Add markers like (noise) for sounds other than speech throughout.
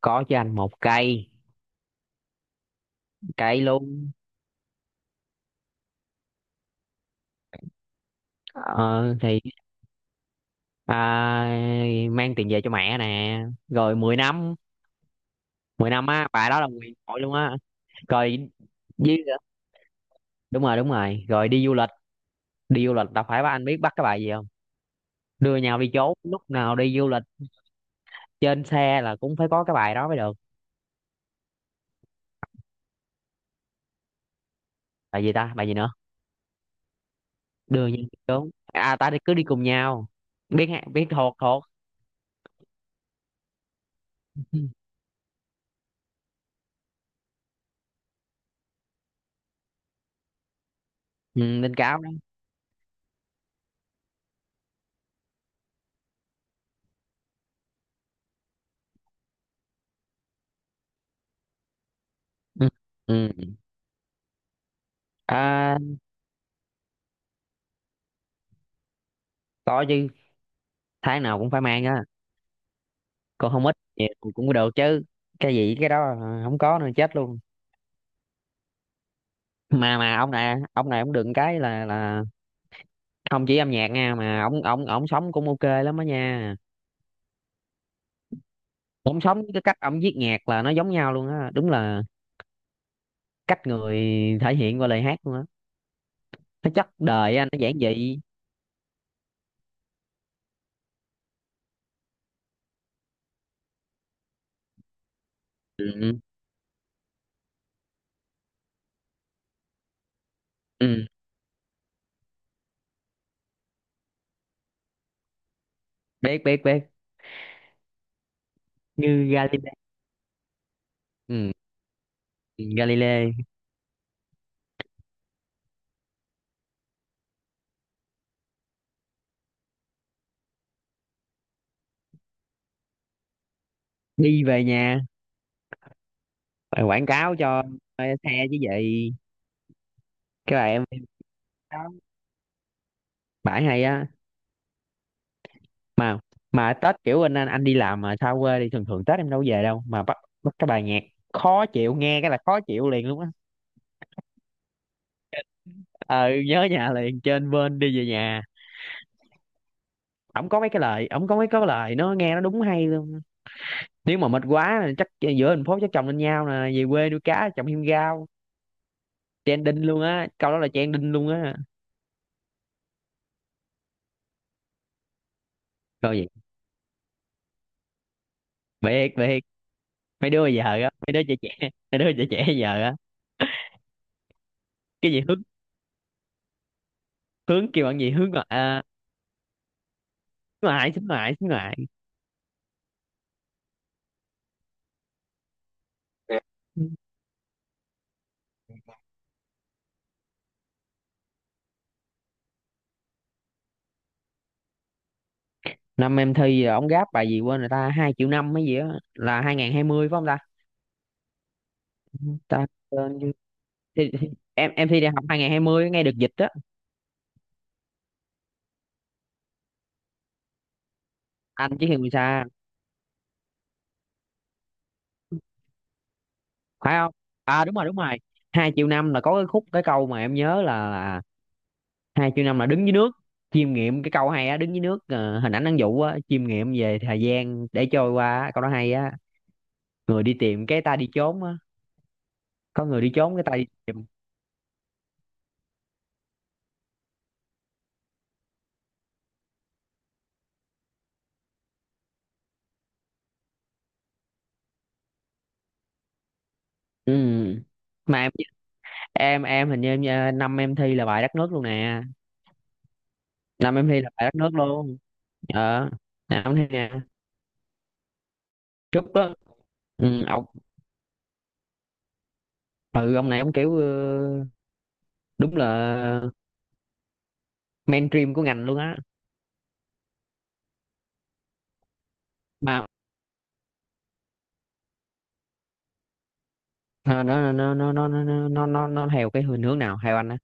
Có cho anh một cây, cây luôn. Ờ, thì à, mang tiền về cho mẹ nè, rồi 10 năm. Mười năm á, bà đó là quyền hội luôn á. Rồi với, đúng rồi đúng rồi, rồi đi du lịch. Đi du lịch, đâu phải bà anh biết bắt cái bài gì không? Đưa nhau đi chốn lúc nào đi du lịch, trên xe là cũng phải có cái bài đó mới được. Bài gì ta, bài gì nữa? Đưa nhau đi chốn, à ta đi cứ đi cùng nhau. Biết thuộc, thuộc. Ừ, Linh Cáo đó. Ừ. Ừ. À. Có chứ, tháng nào cũng phải mang á. Còn không ít nhiều cũng được chứ, cái gì cái đó là không có nữa chết luôn. Mà ông này, ông này, ông đừng cái là không chỉ âm nhạc nha, mà ông ông sống cũng ok lắm đó nha. Ông sống với cái cách ông viết nhạc là nó giống nhau luôn á, đúng là cách người thể hiện qua lời hát luôn á. Nó chất đời á, nó giản dị. Ừ. Ừ. Biết, biết, biết, như Galileo. Ừ. Galileo. Đi về nhà. Bài quảng cáo cho xe chứ gì. Cái bài em đó, bãi hay á. Mà mà Tết kiểu anh đi làm mà xa quê đi, thường thường Tết em đâu có về đâu mà bắt, bắt cái bài nhạc khó chịu, nghe cái là khó chịu liền luôn á. Ờ, nhớ nhà liền, trên bên đi về nhà. Ổng có mấy cái lời, ổng có mấy cái lời nó nghe nó đúng hay luôn. Nếu mà mệt quá là chắc, giữa thành phố chắc chồng lên nhau nè, về quê nuôi cá trồng thêm rau, trending luôn á, câu đó là trending luôn á. Coi vậy, biệt biệt. Mấy đứa giờ á, mấy đứa trẻ trẻ, mấy đứa trẻ trẻ giờ á, cái gì hướng, hướng kêu bạn gì, hướng ngoại hướng ngoại, xính ngoại, xính ngoại. Năm em thi ông gáp bài gì quên rồi ta, hai triệu năm mấy gì á, là 2020 phải không ta? Ta quên chứ. Thi, thi- Em thi đại học 2020 ngay được dịch á. Anh chỉ hiền xa phải không? À đúng rồi, đúng rồi. Hai triệu năm là có cái khúc cái câu mà em nhớ là hai triệu năm là đứng dưới nước chiêm nghiệm, cái câu hay á, đứng dưới nước, hình ảnh ăn dụ á, chiêm nghiệm về thời gian để trôi qua á, câu đó hay á. Người đi tìm cái ta đi trốn á, có người đi trốn cái ta đi tìm. Ừ. Mà em hình như năm em thi là bài đất nước luôn nè, năm em thi là bài đất nước luôn. Ờ, năm em thi nè. Trúc đó. Ừ, ông. Ừ, ông này ông kiểu, đúng là mainstream của ngành luôn á. mà ờ, nó nó nó nó nó nó theo cái hướng, hướng nào theo anh á?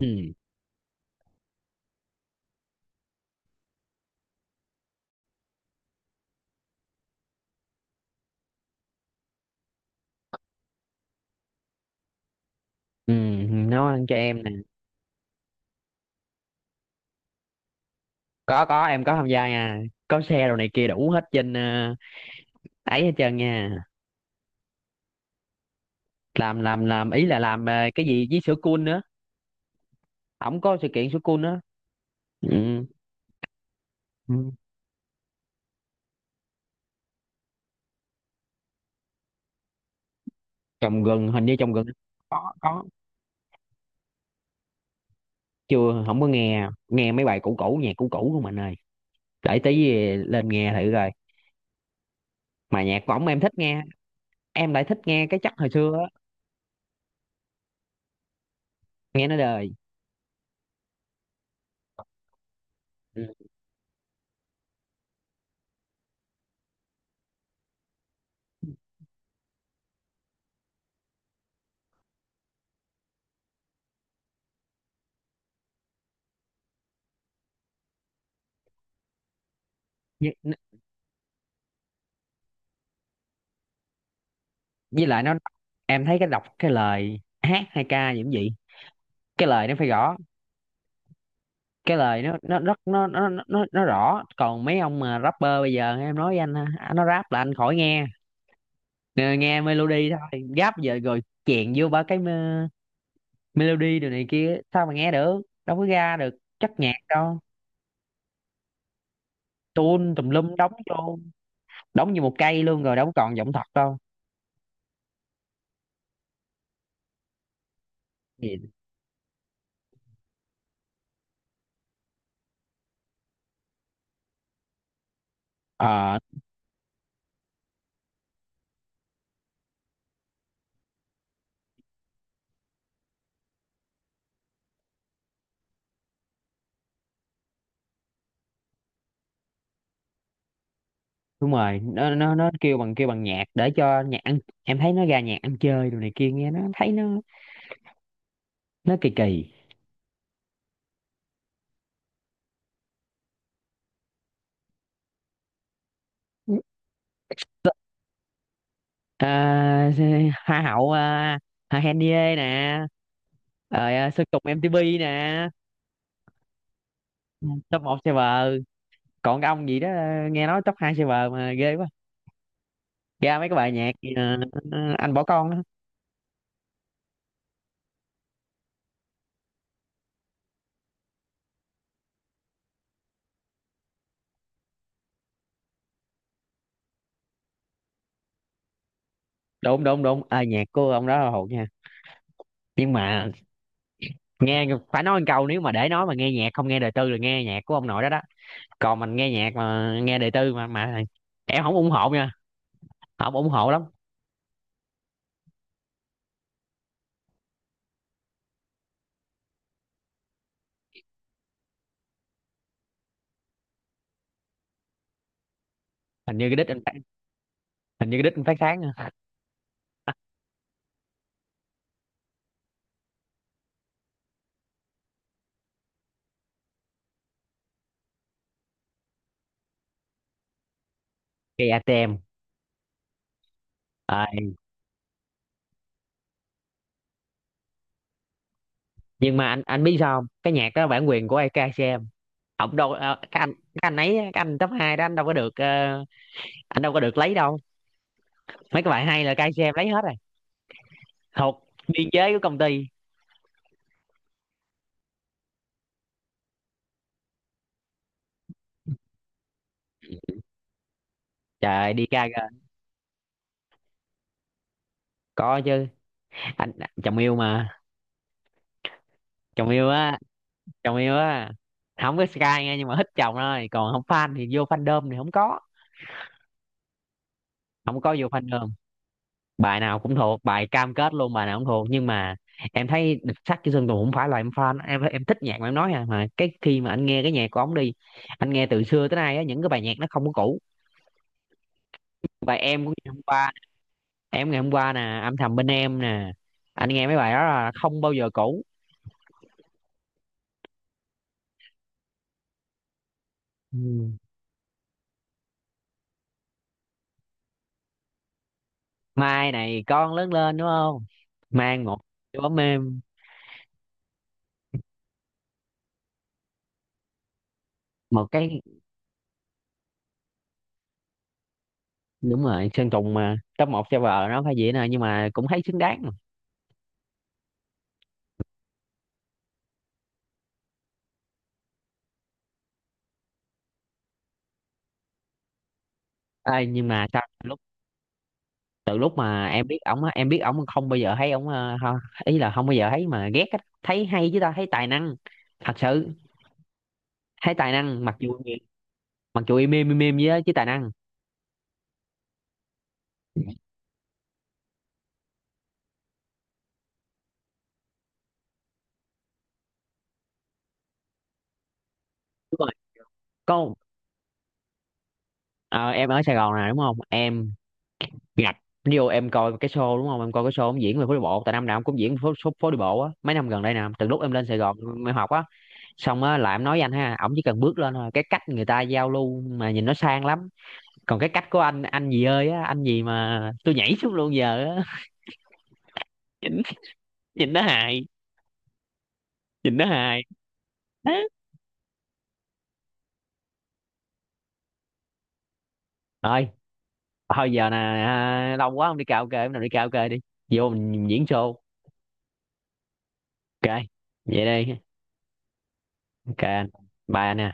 Ừ. Ừ. Nấu ăn cho em nè. Có, em có tham gia nha, có xe đồ này kia đủ hết trên, ấy hết trơn nha. Làm ý là làm cái gì với sữa cool nữa. Ổng có sự kiện sữa cool nữa. Ừ. Ừ. Trồng gừng, hình như trồng gừng. Có, có. Chưa, không có nghe, nghe mấy bài cũ cũ, nhạc cũ cũ của mình ơi, để tí về lên nghe thử coi. Mà nhạc võng em thích nghe, em lại thích nghe cái chất hồi xưa á, nghe nó đời. Ừ. với, với lại nó, em thấy cái đọc cái lời hát hay ca gì cũng vậy, cái lời nó phải rõ. Cái lời nó rất nó rõ. Còn mấy ông mà rapper bây giờ em nói với anh ha, à, nó rap là anh khỏi nghe. Nghe, nghe melody thôi, rap giờ rồi chèn vô ba melody đồ này kia, sao mà nghe được, đâu có ra được chất nhạc đâu. Tuôn tùm lum đóng vô, đóng như một cây luôn rồi, đâu còn giọng thật đâu. Thì, ờ đúng rồi, nó kêu bằng, kêu bằng nhạc để cho nhạc ăn, em thấy nó ra nhạc ăn chơi đồ này kia, nghe nó thấy nó kỳ kỳ. à, Hoa hậu, Hà Henie nè, rồi Sơn Tùng MTP nè. Top một server. Còn cái ông gì đó, nghe nói top hai server mà ghê quá. Ra mấy cái bài nhạc gì, anh bỏ con đó. Đụng đụng đụng nhạc của ông đó là hột nha. Nhưng mà nghe, phải nói một câu, nếu mà để nói mà nghe nhạc không nghe đời tư là nghe nhạc của ông nội đó đó. Còn mình nghe nhạc mà nghe đời tư mà em không ủng hộ nha, không ủng hộ lắm. hình như cái đít anh phát- Hình như cái đít anh phát sáng nha. (laughs) Cây ATM. à, nhưng mà anh biết sao không, cái nhạc đó bản quyền của cây ATM. Ông đâu, cái anh, cái anh ấy, cái anh top 2 đó anh đâu có được, anh đâu có được lấy đâu. Mấy cái bài hay là cây ATM lấy hết rồi, thuộc biên chế của công ty. Trời đi ca kìa. Có chứ, anh chồng yêu mà. Chồng yêu á, chồng yêu á. Không có Sky nghe, nhưng mà thích chồng thôi, còn không fan thì vô fandom thì không có, không có vô fandom. Bài nào cũng thuộc, bài cam kết luôn, bài nào cũng thuộc, nhưng mà em thấy Địch Sắt Chữ Sơn Tùng không phải là em fan, em thích nhạc mà em nói, à, mà cái khi mà anh nghe cái nhạc của ổng đi, anh nghe từ xưa tới nay á, những cái bài nhạc nó không có cũ. Bài em của ngày hôm qua, em ngày hôm qua nè, âm thầm bên em nè, anh nghe mấy bài đó là không bao giờ cũ. Ừ. Mai này con lớn lên đúng không? Mang một chú ấm êm. Một cái đúng rồi, Sơn Tùng mà top một server nó phải vậy nè, nhưng mà cũng thấy xứng đáng mà. Nhưng mà sao từ lúc, từ lúc mà em biết ổng á, em biết ổng không bao giờ thấy ổng, ý là không bao giờ thấy mà ghét á, thấy hay chứ ta, thấy tài năng thật sự. Thấy tài năng mặc dù, mặc dù im im im im với á, chứ tài năng. Đúng rồi. Có, ờ, em ở Sài Gòn nè đúng không em, Ngặt ví em coi cái show đúng không, em coi cái show ông diễn về phố đi bộ, tại năm nào ông cũng diễn phố, phố, phố đi bộ á, mấy năm gần đây nè, từ lúc em lên Sài Gòn em học á xong á, là em nói với anh ha, ổng chỉ cần bước lên thôi, cái cách người ta giao lưu mà nhìn nó sang lắm. Còn cái cách của anh gì ơi á, anh gì mà tôi nhảy xuống luôn giờ á. (laughs) Nhìn, nhìn nó hài, nhìn nó hài. (laughs) Thôi, thôi giờ nè, à, lâu quá không đi karaoke, bữa nào đi karaoke đi, vô mình diễn show. Ok vậy đây. Ok anh, bye anh ha.